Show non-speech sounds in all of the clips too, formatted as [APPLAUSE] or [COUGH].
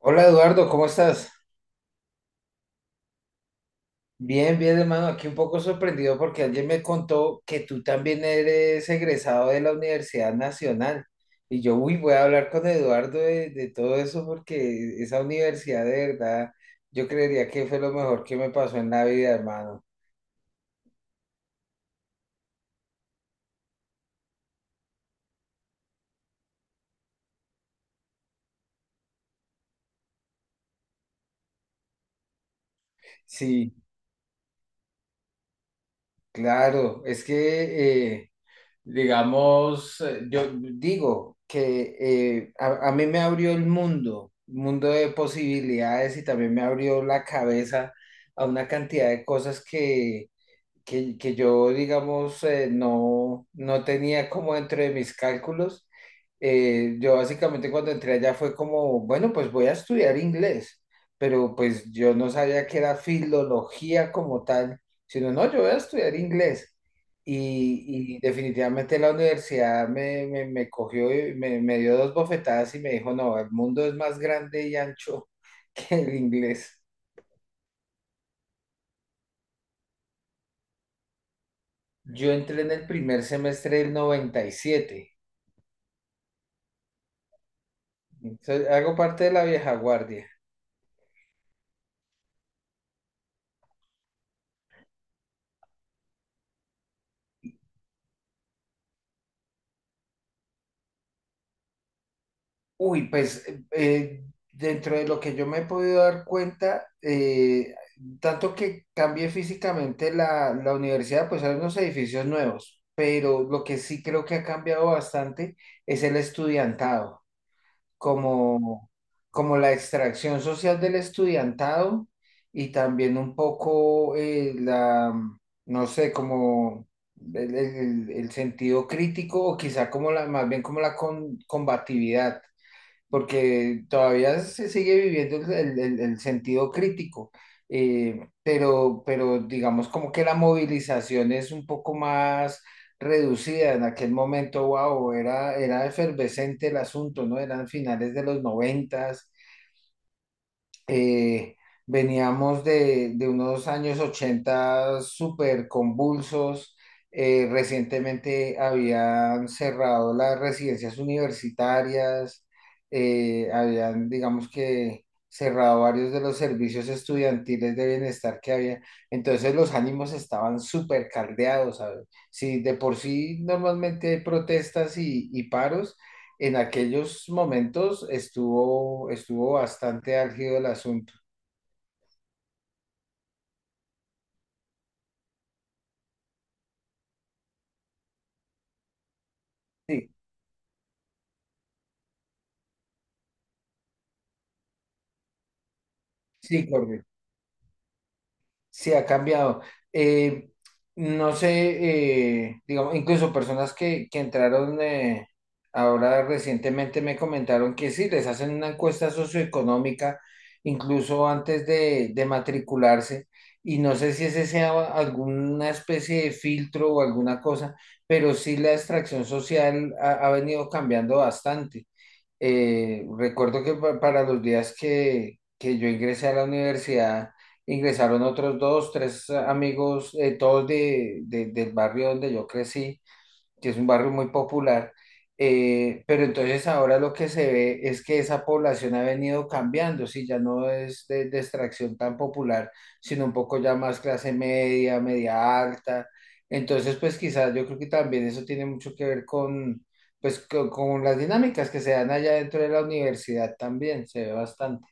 Hola, Eduardo, ¿cómo estás? Bien, bien, hermano, aquí un poco sorprendido porque alguien me contó que tú también eres egresado de la Universidad Nacional. Y yo, uy, voy a hablar con Eduardo de todo eso porque esa universidad, de verdad, yo creería que fue lo mejor que me pasó en la vida, hermano. Sí, claro, es que... digamos, yo digo que a mí me abrió el mundo, mundo de posibilidades, y también me abrió la cabeza a una cantidad de cosas que yo, digamos, no tenía como dentro de mis cálculos. Yo básicamente cuando entré allá fue como, bueno, pues voy a estudiar inglés, pero pues yo no sabía que era filología como tal, sino no, yo voy a estudiar inglés. Y definitivamente la universidad me cogió y me dio dos bofetadas y me dijo, no, el mundo es más grande y ancho [LAUGHS] que el inglés. Yo entré en el primer semestre del 97. Hago parte de la vieja guardia. Uy, pues dentro de lo que yo me he podido dar cuenta, tanto que cambié físicamente la universidad, pues hay unos edificios nuevos, pero lo que sí creo que ha cambiado bastante es el estudiantado. Como, como la extracción social del estudiantado, y también un poco no sé, como el sentido crítico, o quizá como la, más bien como la combatividad, porque todavía se sigue viviendo el sentido crítico. Pero digamos como que la movilización es un poco más reducida. En aquel momento, wow, era efervescente el asunto, ¿no? Eran finales de los noventas. eh, Veníamos de unos años 80 súper convulsos. Recientemente habían cerrado las residencias universitarias, habían, digamos que, cerrado varios de los servicios estudiantiles de bienestar que había. Entonces los ánimos estaban súper caldeados, ¿sabes? Si de por sí normalmente hay protestas y paros, en aquellos momentos estuvo bastante álgido el asunto. Sí, sí, correcto. Sí, ha cambiado. Eh, no sé, digamos, incluso personas que entraron ahora recientemente me comentaron que sí, les hacen una encuesta socioeconómica, incluso antes de matricularse, y no sé si ese sea alguna especie de filtro o alguna cosa, pero sí la extracción social ha venido cambiando bastante. Recuerdo que para los días que yo ingresé a la universidad, ingresaron otros dos, tres amigos, todos del barrio donde yo crecí, que es un barrio muy popular. Pero entonces ahora lo que se ve es que esa población ha venido cambiando, sí, ya no es de extracción tan popular, sino un poco ya más clase media, media alta. Entonces, pues quizás yo creo que también eso tiene mucho que ver con, pues, con las dinámicas que se dan allá dentro de la universidad también, se ve bastante.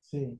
Sí.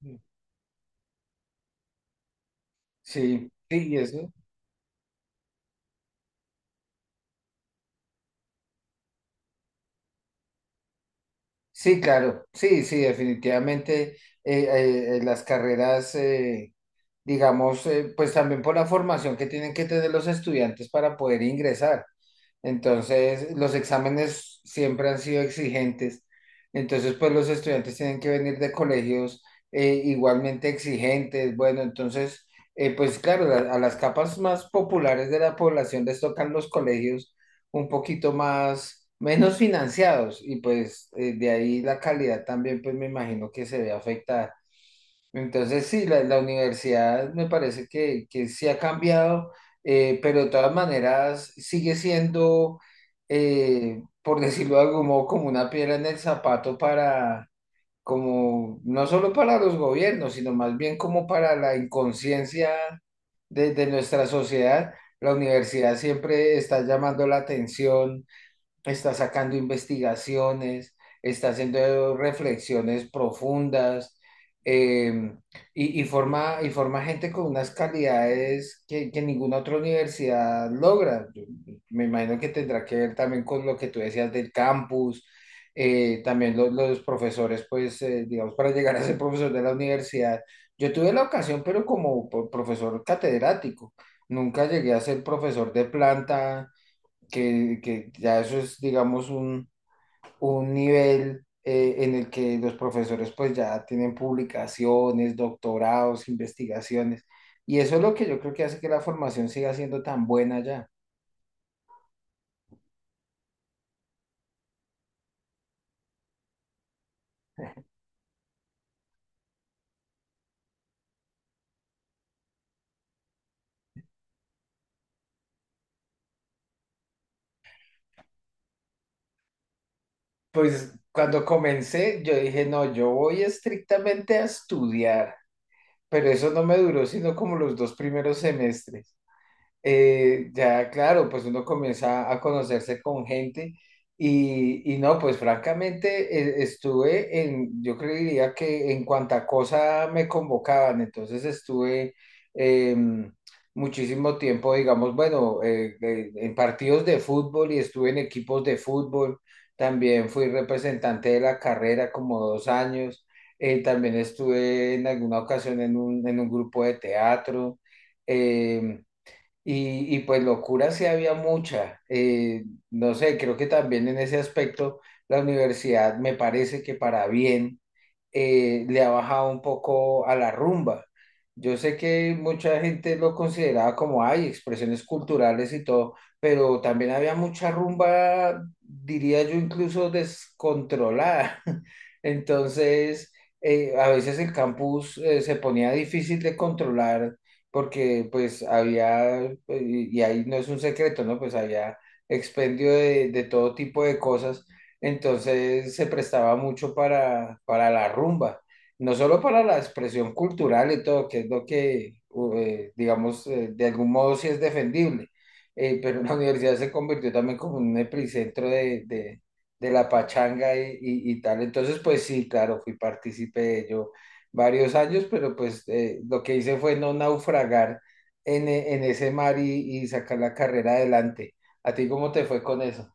Sí. Sí, sí, y eso. Sí, claro, sí, sí, definitivamente las carreras, pues también por la formación que tienen que tener los estudiantes para poder ingresar. Entonces, los exámenes siempre han sido exigentes. Entonces, pues los estudiantes tienen que venir de colegios igualmente exigentes. Bueno, entonces, pues claro, a las capas más populares de la población les tocan los colegios un poquito más, menos financiados, y pues de ahí la calidad también, pues me imagino que se ve afectada. Entonces, sí, la universidad me parece que sí ha cambiado, pero de todas maneras sigue siendo, por decirlo de algún modo, como una piedra en el zapato, para, como, no solo para los gobiernos, sino más bien como para la inconsciencia de nuestra sociedad. La universidad siempre está llamando la atención, está sacando investigaciones, está haciendo reflexiones profundas, eh, y forma gente con unas calidades que ninguna otra universidad logra. Yo me imagino que tendrá que ver también con lo que tú decías del campus. También los profesores, pues, digamos, para llegar a ser profesor de la universidad, yo tuve la ocasión, pero como profesor catedrático, nunca llegué a ser profesor de planta, que ya eso es, digamos, un nivel en el que los profesores pues ya tienen publicaciones, doctorados, investigaciones, y eso es lo que yo creo que hace que la formación siga siendo tan buena ya. Pues cuando comencé, yo dije, no, yo voy estrictamente a estudiar, pero eso no me duró sino como los dos primeros semestres. Ya, claro, pues uno comienza a conocerse con gente y no, pues francamente estuve en, yo creería que en cuanta cosa me convocaban, entonces estuve em, muchísimo tiempo, digamos, bueno, en partidos de fútbol, y estuve en equipos de fútbol, también fui representante de la carrera como dos años, también estuve en alguna ocasión en un grupo de teatro. em, y, y pues locura sí había mucha. No sé, creo que también en ese aspecto la universidad me parece que, para bien, le ha bajado un poco a la rumba. Yo sé que mucha gente lo consideraba como hay expresiones culturales y todo, pero también había mucha rumba, diría yo, incluso descontrolada. [LAUGHS] Entonces, a veces el campus se ponía difícil de controlar, porque pues había, y ahí no es un secreto, ¿no? Pues había expendio de todo tipo de cosas, entonces se prestaba mucho para la rumba, no solo para la expresión cultural y todo, que es lo que, digamos, de algún modo sí es defendible, pero la [LAUGHS] universidad se convirtió también como en un epicentro de la pachanga y tal, entonces pues sí, claro, fui partícipe de ello varios años, pero pues lo que hice fue no naufragar en, en ese mar y sacar la carrera adelante. ¿A ti cómo te fue con eso?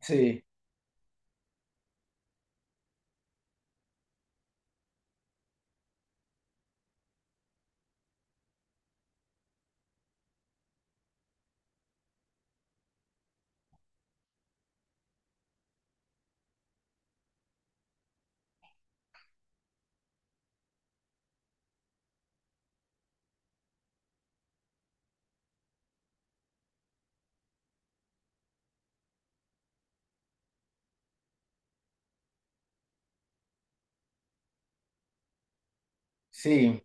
Sí, sí.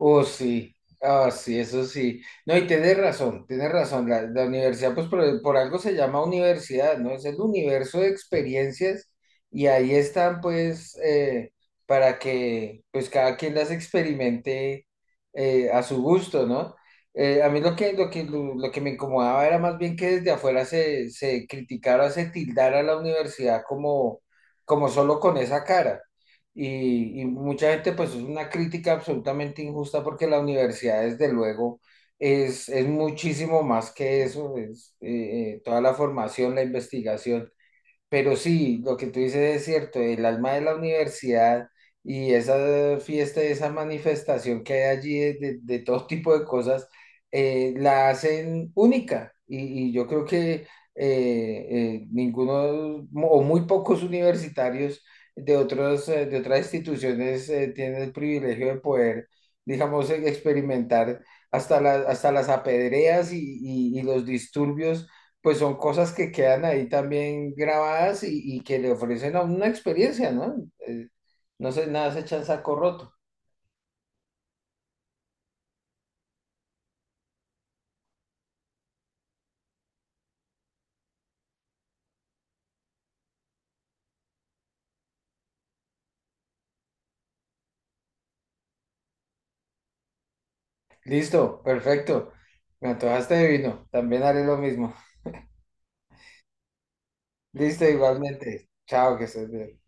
Oh, sí, ah, sí, eso sí. No, y tenés razón, tenés razón. La universidad, pues por algo se llama universidad, ¿no? Es el universo de experiencias, y ahí están, pues, para que, pues, cada quien las experimente, a su gusto, ¿no? A mí lo que, lo que, lo que me incomodaba era más bien que desde afuera se criticara, se tildara a la universidad como, como solo con esa cara. Y mucha gente, pues es una crítica absolutamente injusta porque la universidad, desde luego, es muchísimo más que eso, es toda la formación, la investigación. Pero sí, lo que tú dices es cierto, el alma de la universidad y esa fiesta, esa manifestación que hay allí de todo [LAUGHS] tipo de cosas, la hacen única. Y yo creo que ninguno o muy pocos universitarios de otros, de otras instituciones tienen el privilegio de poder, digamos, experimentar hasta las apedreas y los disturbios, pues son cosas que quedan ahí también grabadas, y que le ofrecen a uno una experiencia, ¿no? Eh, no sé, nada se echa en saco roto. Listo, perfecto. Me antojaste de vino, también haré lo mismo. Listo, igualmente. Chao, que estés bien.